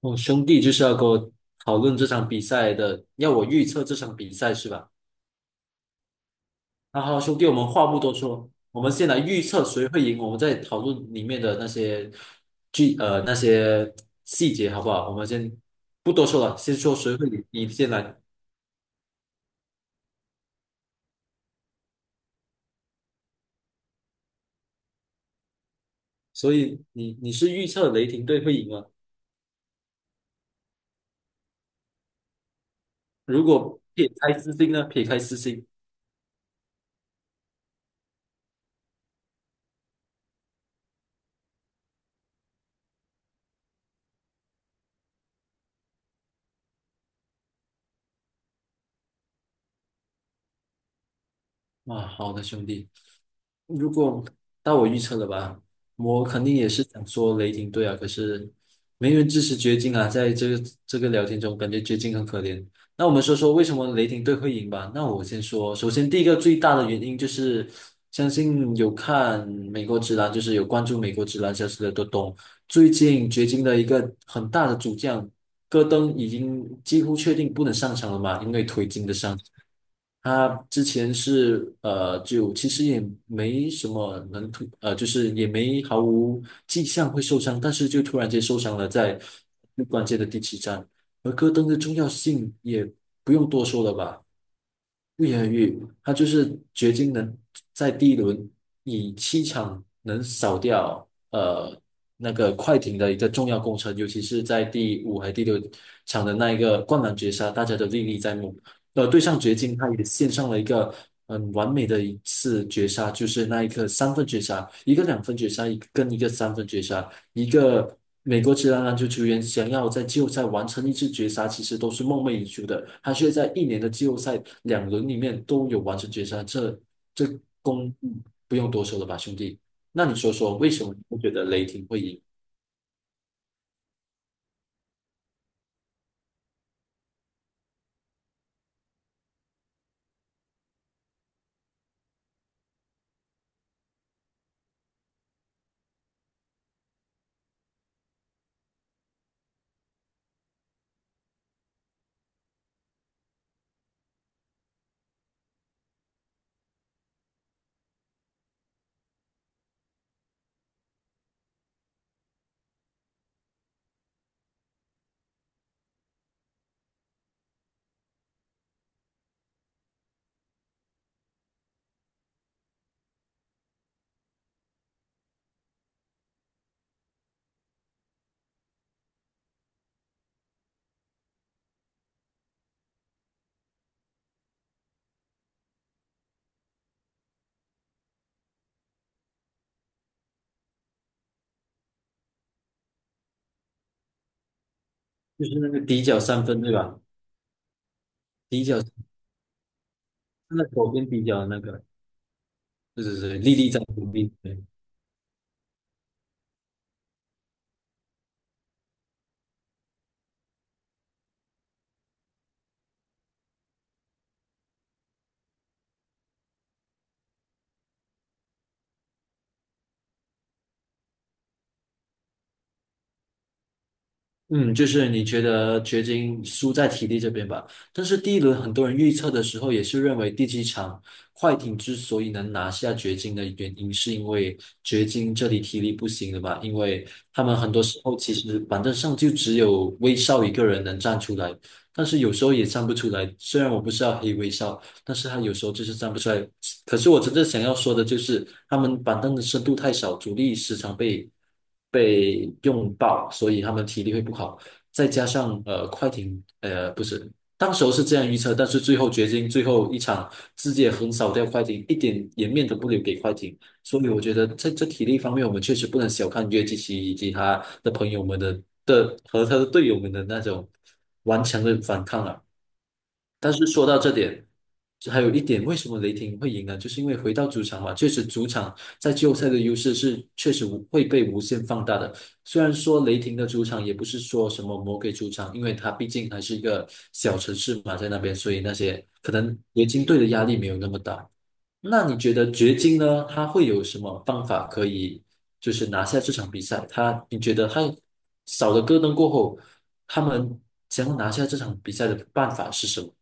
哦，兄弟就是要跟我讨论这场比赛的，要我预测这场比赛是吧？那好，兄弟，我们话不多说，我们先来预测谁会赢，我们再讨论里面的那些那些细节，好不好？我们先不多说了，先说谁会赢，你先来。所以你是预测雷霆队会赢吗？如果撇开私心呢？撇开私心啊，好的，兄弟。如果到我预测了吧，我肯定也是想说雷霆队啊，可是没人支持掘金啊，在这个聊天中，感觉掘金很可怜。那我们说说为什么雷霆队会赢吧？那我先说，首先第一个最大的原因就是，相信有看美国职篮，就是有关注美国职篮消息的都懂，最近掘金的一个很大的主将戈登已经几乎确定不能上场了嘛，因为腿筋的伤。他之前是就其实也没什么能突，就是也没毫无迹象会受伤，但是就突然间受伤了，在最关键的第七战。而戈登的重要性也不用多说了吧，不言而喻，他就是掘金能在第一轮以七场能扫掉那个快艇的一个重要功臣，尤其是在第五还第六场的那一个灌篮绝杀，大家都历历在目。对上掘金，他也献上了一个很完美的一次绝杀，就是那一刻三分绝杀，一个两分绝杀，一个跟一个三分绝杀，一个美国职篮篮球球员想要在季后赛完成一次绝杀，其实都是梦寐以求的，他却在一年的季后赛两轮里面都有完成绝杀，这功不用多说了吧，兄弟？那你说说，为什么你会觉得雷霆会赢？就是那个底角三分，对吧？底角，那左边底角的那个，对对对，历历在目，历历在目。嗯，就是你觉得掘金输在体力这边吧？但是第一轮很多人预测的时候也是认为第七场快艇之所以能拿下掘金的原因，是因为掘金这里体力不行了吧？因为他们很多时候其实板凳上就只有威少一个人能站出来，但是有时候也站不出来。虽然我不是要黑威少，但是他有时候就是站不出来。可是我真正想要说的就是，他们板凳的深度太少，主力时常被用爆，所以他们体力会不好。再加上快艇不是，当时候是这样预测，但是最后掘金最后一场直接横扫掉快艇，一点颜面都不留给快艇。所以我觉得在这体力方面，我们确实不能小看约基奇以及他的朋友们的和他的队友们的那种顽强的反抗啊。但是说到这点，还有一点，为什么雷霆会赢呢？就是因为回到主场嘛，确实主场在季后赛的优势是确实无会被无限放大的。虽然说雷霆的主场也不是说什么魔鬼主场，因为它毕竟还是一个小城市嘛，在那边，所以那些可能掘金队的压力没有那么大。那你觉得掘金呢？他会有什么方法可以就是拿下这场比赛？他你觉得他少了戈登过后，他们想要拿下这场比赛的办法是什么？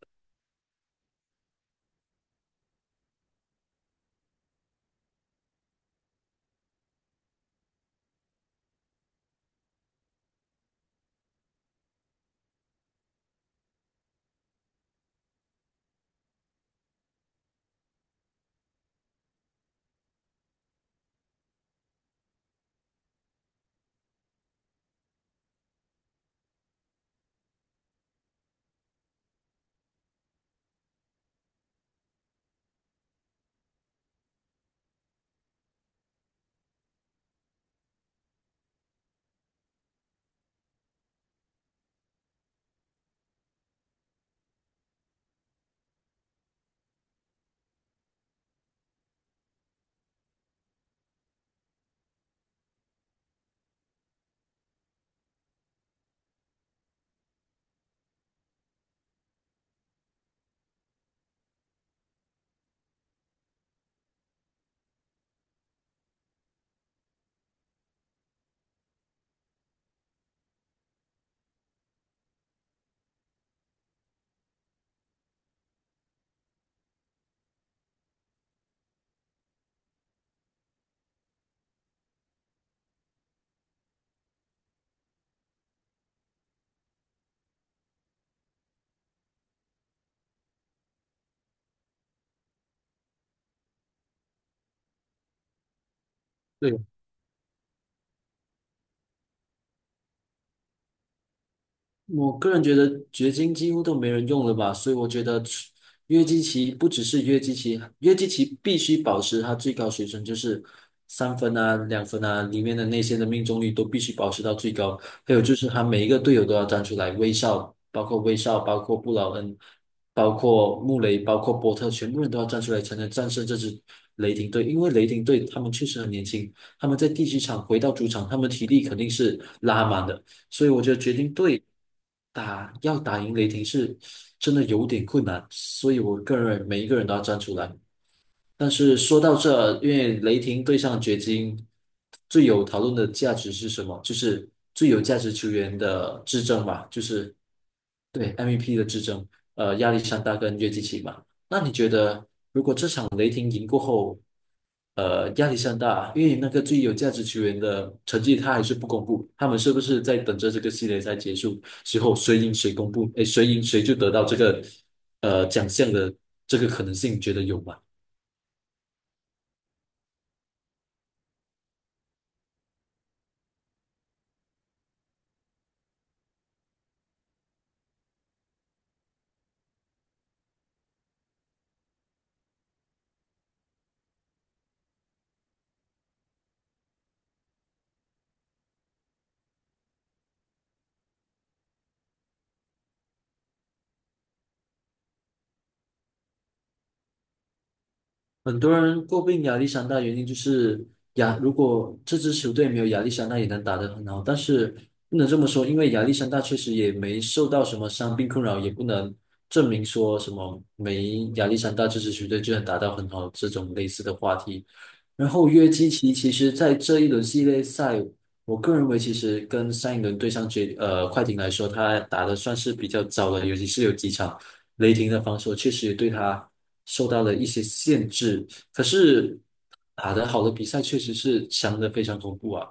对。我个人觉得掘金几乎都没人用了吧，所以我觉得除约基奇不只是约基奇，约基奇必须保持它最高水准，就是三分啊、两分啊里面的那些的命中率都必须保持到最高。还有就是他每一个队友都要站出来，威少，包括威少，包括布劳恩，包括穆雷，包括波特，全部人都要站出来才能战胜这支雷霆队，因为雷霆队他们确实很年轻，他们在第七场回到主场，他们体力肯定是拉满的。所以我觉得掘金队打要打赢雷霆是真的有点困难，所以我个人每一个人都要站出来。但是说到这，因为雷霆对上掘金，最有讨论的价值是什么？就是最有价值球员的之争吧，就是对 MVP 的之争，亚历山大跟约基奇嘛。那你觉得？呃，压力山大，因为那个最有价值球员的成绩他还是不公布，他们是不是在等着这个系列赛结束之后，谁赢谁公布？哎，谁赢谁就得到这个奖项的这个可能性，你觉得有吗？很多人诟病亚历山大，原因就是亚，如果这支球队没有亚历山大，也能打得很好。但是不能这么说，因为亚历山大确实也没受到什么伤病困扰，也不能证明说什么没亚历山大这支球队就能打到很好这种类似的话题。然后约基奇其实在这一轮系列赛，我个人认为其实跟上一轮对上决快艇来说，他打的算是比较早的，尤其是有几场。雷霆的防守确实也对他受到了一些限制，可是打得好的比赛确实是强得非常恐怖啊。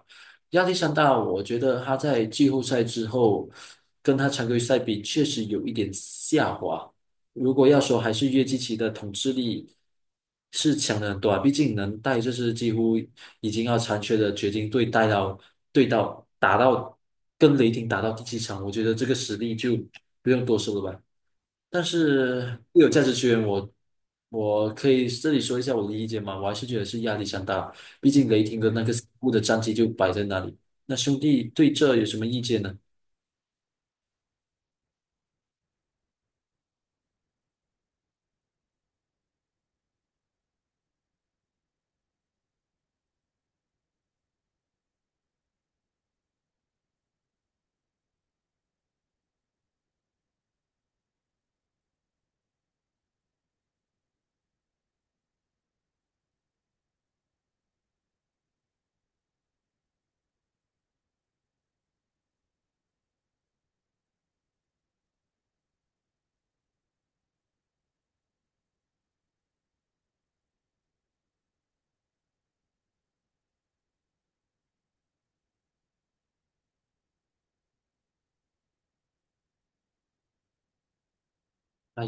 亚历山大，我觉得他在季后赛之后跟他常规赛比，确实有一点下滑。如果要说还是约基奇的统治力是强了很多啊，毕竟能带这支几乎已经要残缺的掘金队带到对到打到跟雷霆打到第七场，我觉得这个实力就不用多说了吧。但是固有价值球员我，我可以这里说一下我的意见嘛，我还是觉得是压力山大，毕竟雷霆的那个死固的战绩就摆在那里。那兄弟对这有什么意见呢？